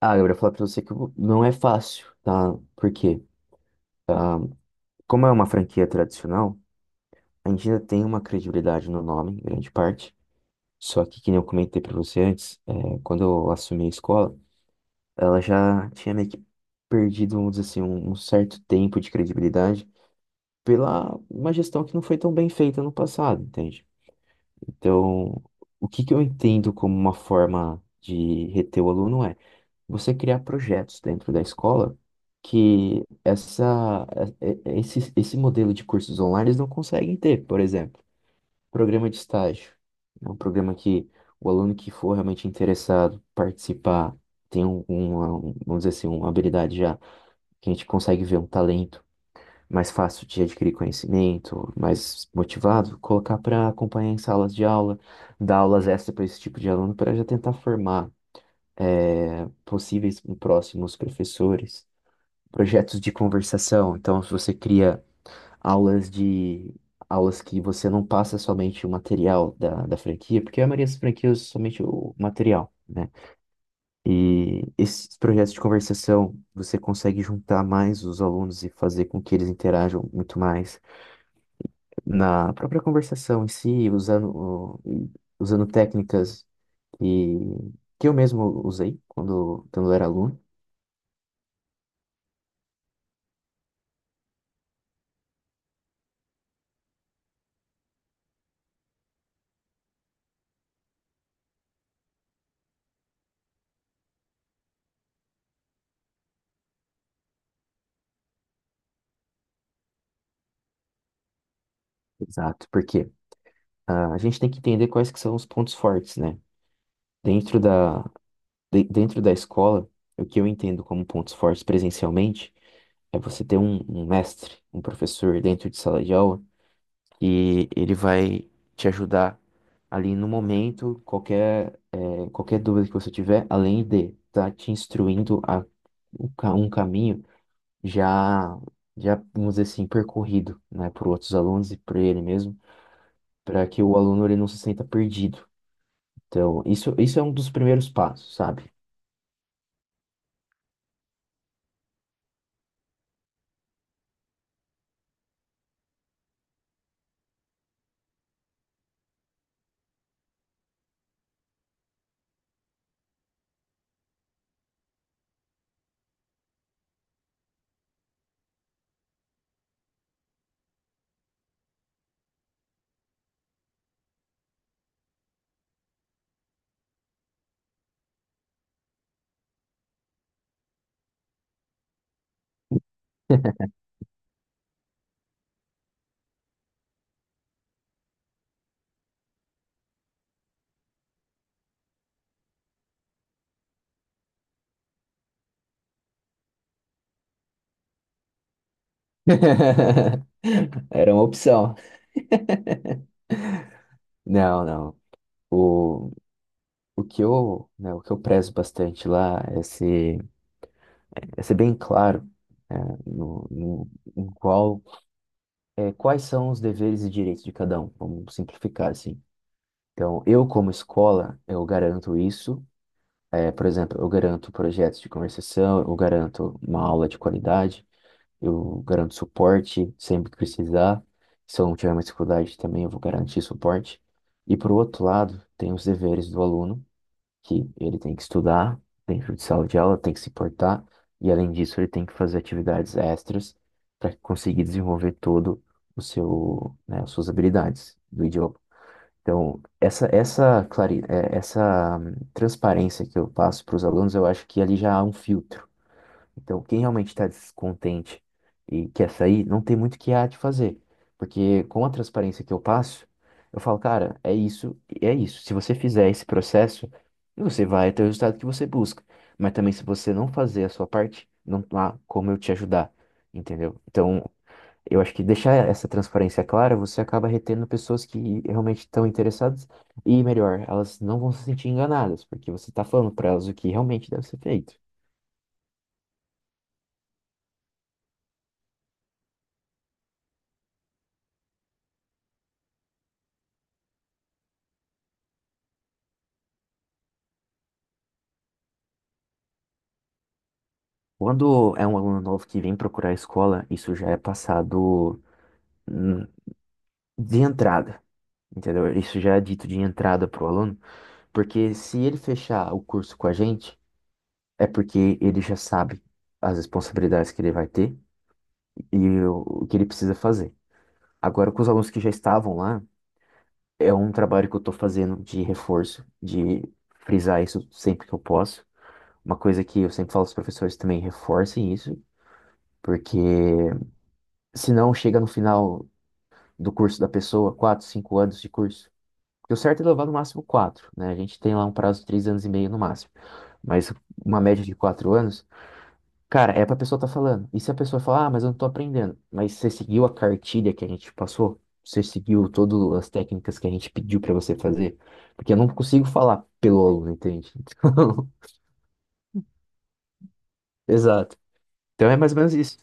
Ah, eu ia falar pra você que não é fácil, tá? Porque, como é uma franquia tradicional, a gente ainda tem uma credibilidade no nome, em grande parte. Só que nem eu comentei pra você antes, quando eu assumi a escola, ela já tinha meio que perdido, vamos dizer assim, um certo tempo de credibilidade pela uma gestão que não foi tão bem feita no passado, entende? Então, o que que eu entendo como uma forma de reter o aluno é você criar projetos dentro da escola que essa, eh, eh, esse modelo de cursos online eles não conseguem ter. Por exemplo, programa de estágio. É um programa que o aluno que for realmente interessado participar tem vamos dizer assim, uma habilidade já que a gente consegue ver um talento mais fácil de adquirir conhecimento, mais motivado, colocar para acompanhar em salas de aula, dar aulas extra para esse tipo de aluno, para já tentar formar possíveis e próximos professores, projetos de conversação. Então, se você cria aulas de aulas que você não passa somente o material da franquia, porque a maioria das franquias usa somente o material, né? E esses projetos de conversação, você consegue juntar mais os alunos e fazer com que eles interajam muito mais na própria conversação em si, usando técnicas que, que eu mesmo usei quando eu era aluno. Exato, porque a gente tem que entender quais que são os pontos fortes, né? Dentro da, Dentro da escola, o que eu entendo como pontos fortes presencialmente é você ter um mestre, um professor dentro de sala de aula, e ele vai te ajudar ali no momento, qualquer dúvida que você tiver, além de estar te instruindo a um caminho já, já, vamos dizer assim, percorrido, né, por outros alunos e por ele mesmo, para que o aluno ele não se sinta perdido. Então, isso é um dos primeiros passos, sabe? Era uma opção. Não, não. O, o que eu, né, o que eu prezo bastante lá é ser bem claro, né, no, no, em qual quais são os deveres e direitos de cada um? Vamos simplificar assim. Então, eu como escola, eu garanto isso. É, por exemplo, eu garanto projetos de conversação, eu garanto uma aula de qualidade, eu garanto suporte sempre que precisar. Se eu não tiver mais dificuldade também, eu vou garantir suporte. E por outro lado, tem os deveres do aluno, que ele tem que estudar dentro de sala de aula, tem que se portar, e além disso, ele tem que fazer atividades extras para conseguir desenvolver todo o seu, né, as suas habilidades do idioma. Então, essa transparência que eu passo para os alunos, eu acho que ali já há um filtro. Então, quem realmente está descontente e quer sair, não tem muito o que há de fazer. Porque com a transparência que eu passo, eu falo, cara, é isso, é isso. Se você fizer esse processo, você vai ter o resultado que você busca. Mas também se você não fazer a sua parte, não há como eu te ajudar, entendeu? Então, eu acho que deixar essa transparência clara, você acaba retendo pessoas que realmente estão interessadas e, melhor, elas não vão se sentir enganadas, porque você está falando para elas o que realmente deve ser feito. Quando é um aluno novo que vem procurar a escola, isso já é passado, hum, de entrada, entendeu? Isso já é dito de entrada para o aluno, porque se ele fechar o curso com a gente, é porque ele já sabe as responsabilidades que ele vai ter e o que ele precisa fazer. Agora, com os alunos que já estavam lá, é um trabalho que eu estou fazendo de reforço, de frisar isso sempre que eu posso. Uma coisa que eu sempre falo aos professores também, reforcem isso, porque senão chega no final do curso da pessoa, 4, 5 anos de curso. Porque o certo é levar no máximo quatro, né? A gente tem lá um prazo de 3 anos e meio no máximo, mas uma média de 4 anos, cara, é pra pessoa estar tá falando. E se a pessoa falar, ah, mas eu não tô aprendendo, mas você seguiu a cartilha que a gente passou? Você seguiu todas as técnicas que a gente pediu pra você fazer? Porque eu não consigo falar pelo aluno, entende? Então, exato. Então é mais ou menos isso.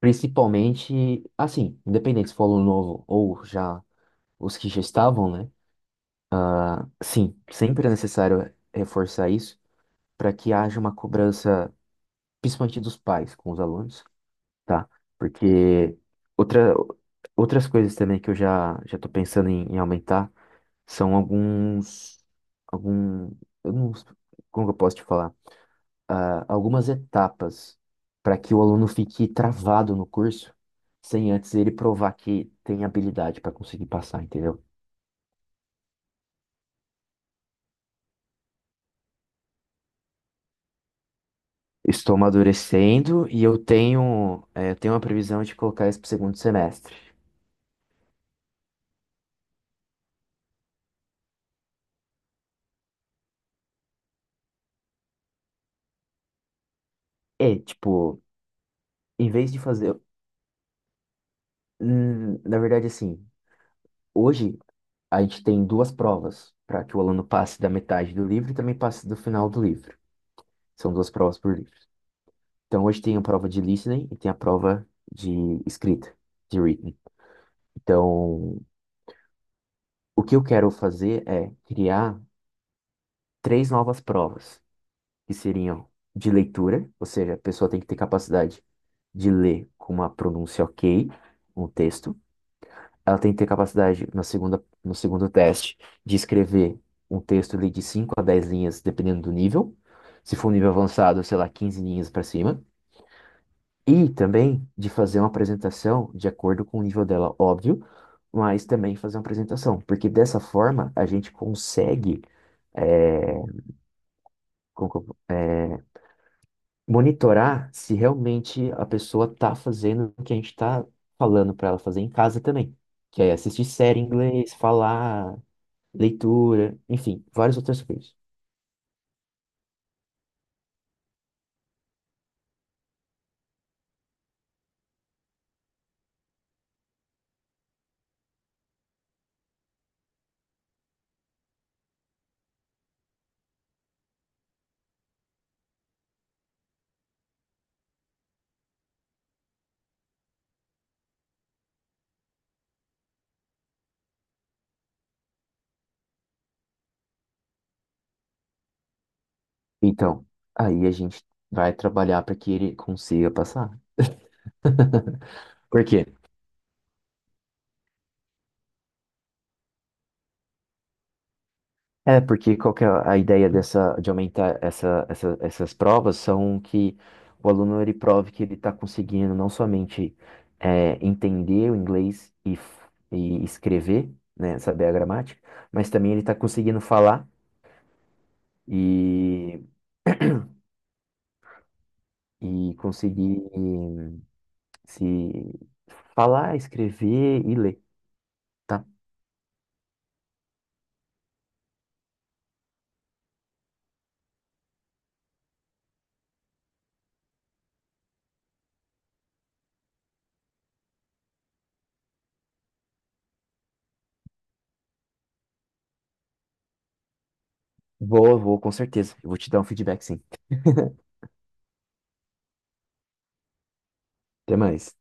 Principalmente, assim, independente se for aluno novo ou já os que já estavam, né? Sim, sempre é necessário reforçar isso para que haja uma cobrança, principalmente dos pais com os alunos, tá? Porque outra, outras coisas também que eu já já estou pensando em aumentar são alguns algum eu não, como que eu posso te falar? Ah, algumas etapas para que o aluno fique travado no curso sem antes ele provar que tem habilidade para conseguir passar, entendeu? Estou amadurecendo e eu tenho uma previsão de colocar isso pro segundo semestre. Tipo, em vez de fazer. Na verdade, assim, hoje a gente tem duas provas para que o aluno passe da metade do livro e também passe do final do livro. São duas provas por livro. Então, hoje tem a prova de listening e tem a prova de escrita, de written. Então, o que eu quero fazer é criar três novas provas que seriam de leitura, ou seja, a pessoa tem que ter capacidade de ler com uma pronúncia ok um texto. Ela tem que ter capacidade, no segundo teste, de escrever um texto ali de 5 a 10 linhas, dependendo do nível. Se for um nível avançado, sei lá, 15 linhas para cima. E também de fazer uma apresentação de acordo com o nível dela, óbvio, mas também fazer uma apresentação, porque dessa forma a gente consegue, é, como que eu- monitorar se realmente a pessoa tá fazendo o que a gente tá falando para ela fazer em casa também, que é assistir série em inglês, falar, leitura, enfim, várias outras coisas. Então, aí a gente vai trabalhar para que ele consiga passar. Porque É, porque qual que é a ideia dessa, de aumentar essa, essas provas são que o aluno ele prove que ele está conseguindo não somente entender o inglês e escrever, né, saber a gramática, mas também ele está conseguindo falar e, e conseguir se falar, escrever e ler, tá? Boa, vou com certeza. Eu vou te dar um feedback, sim. Até mais.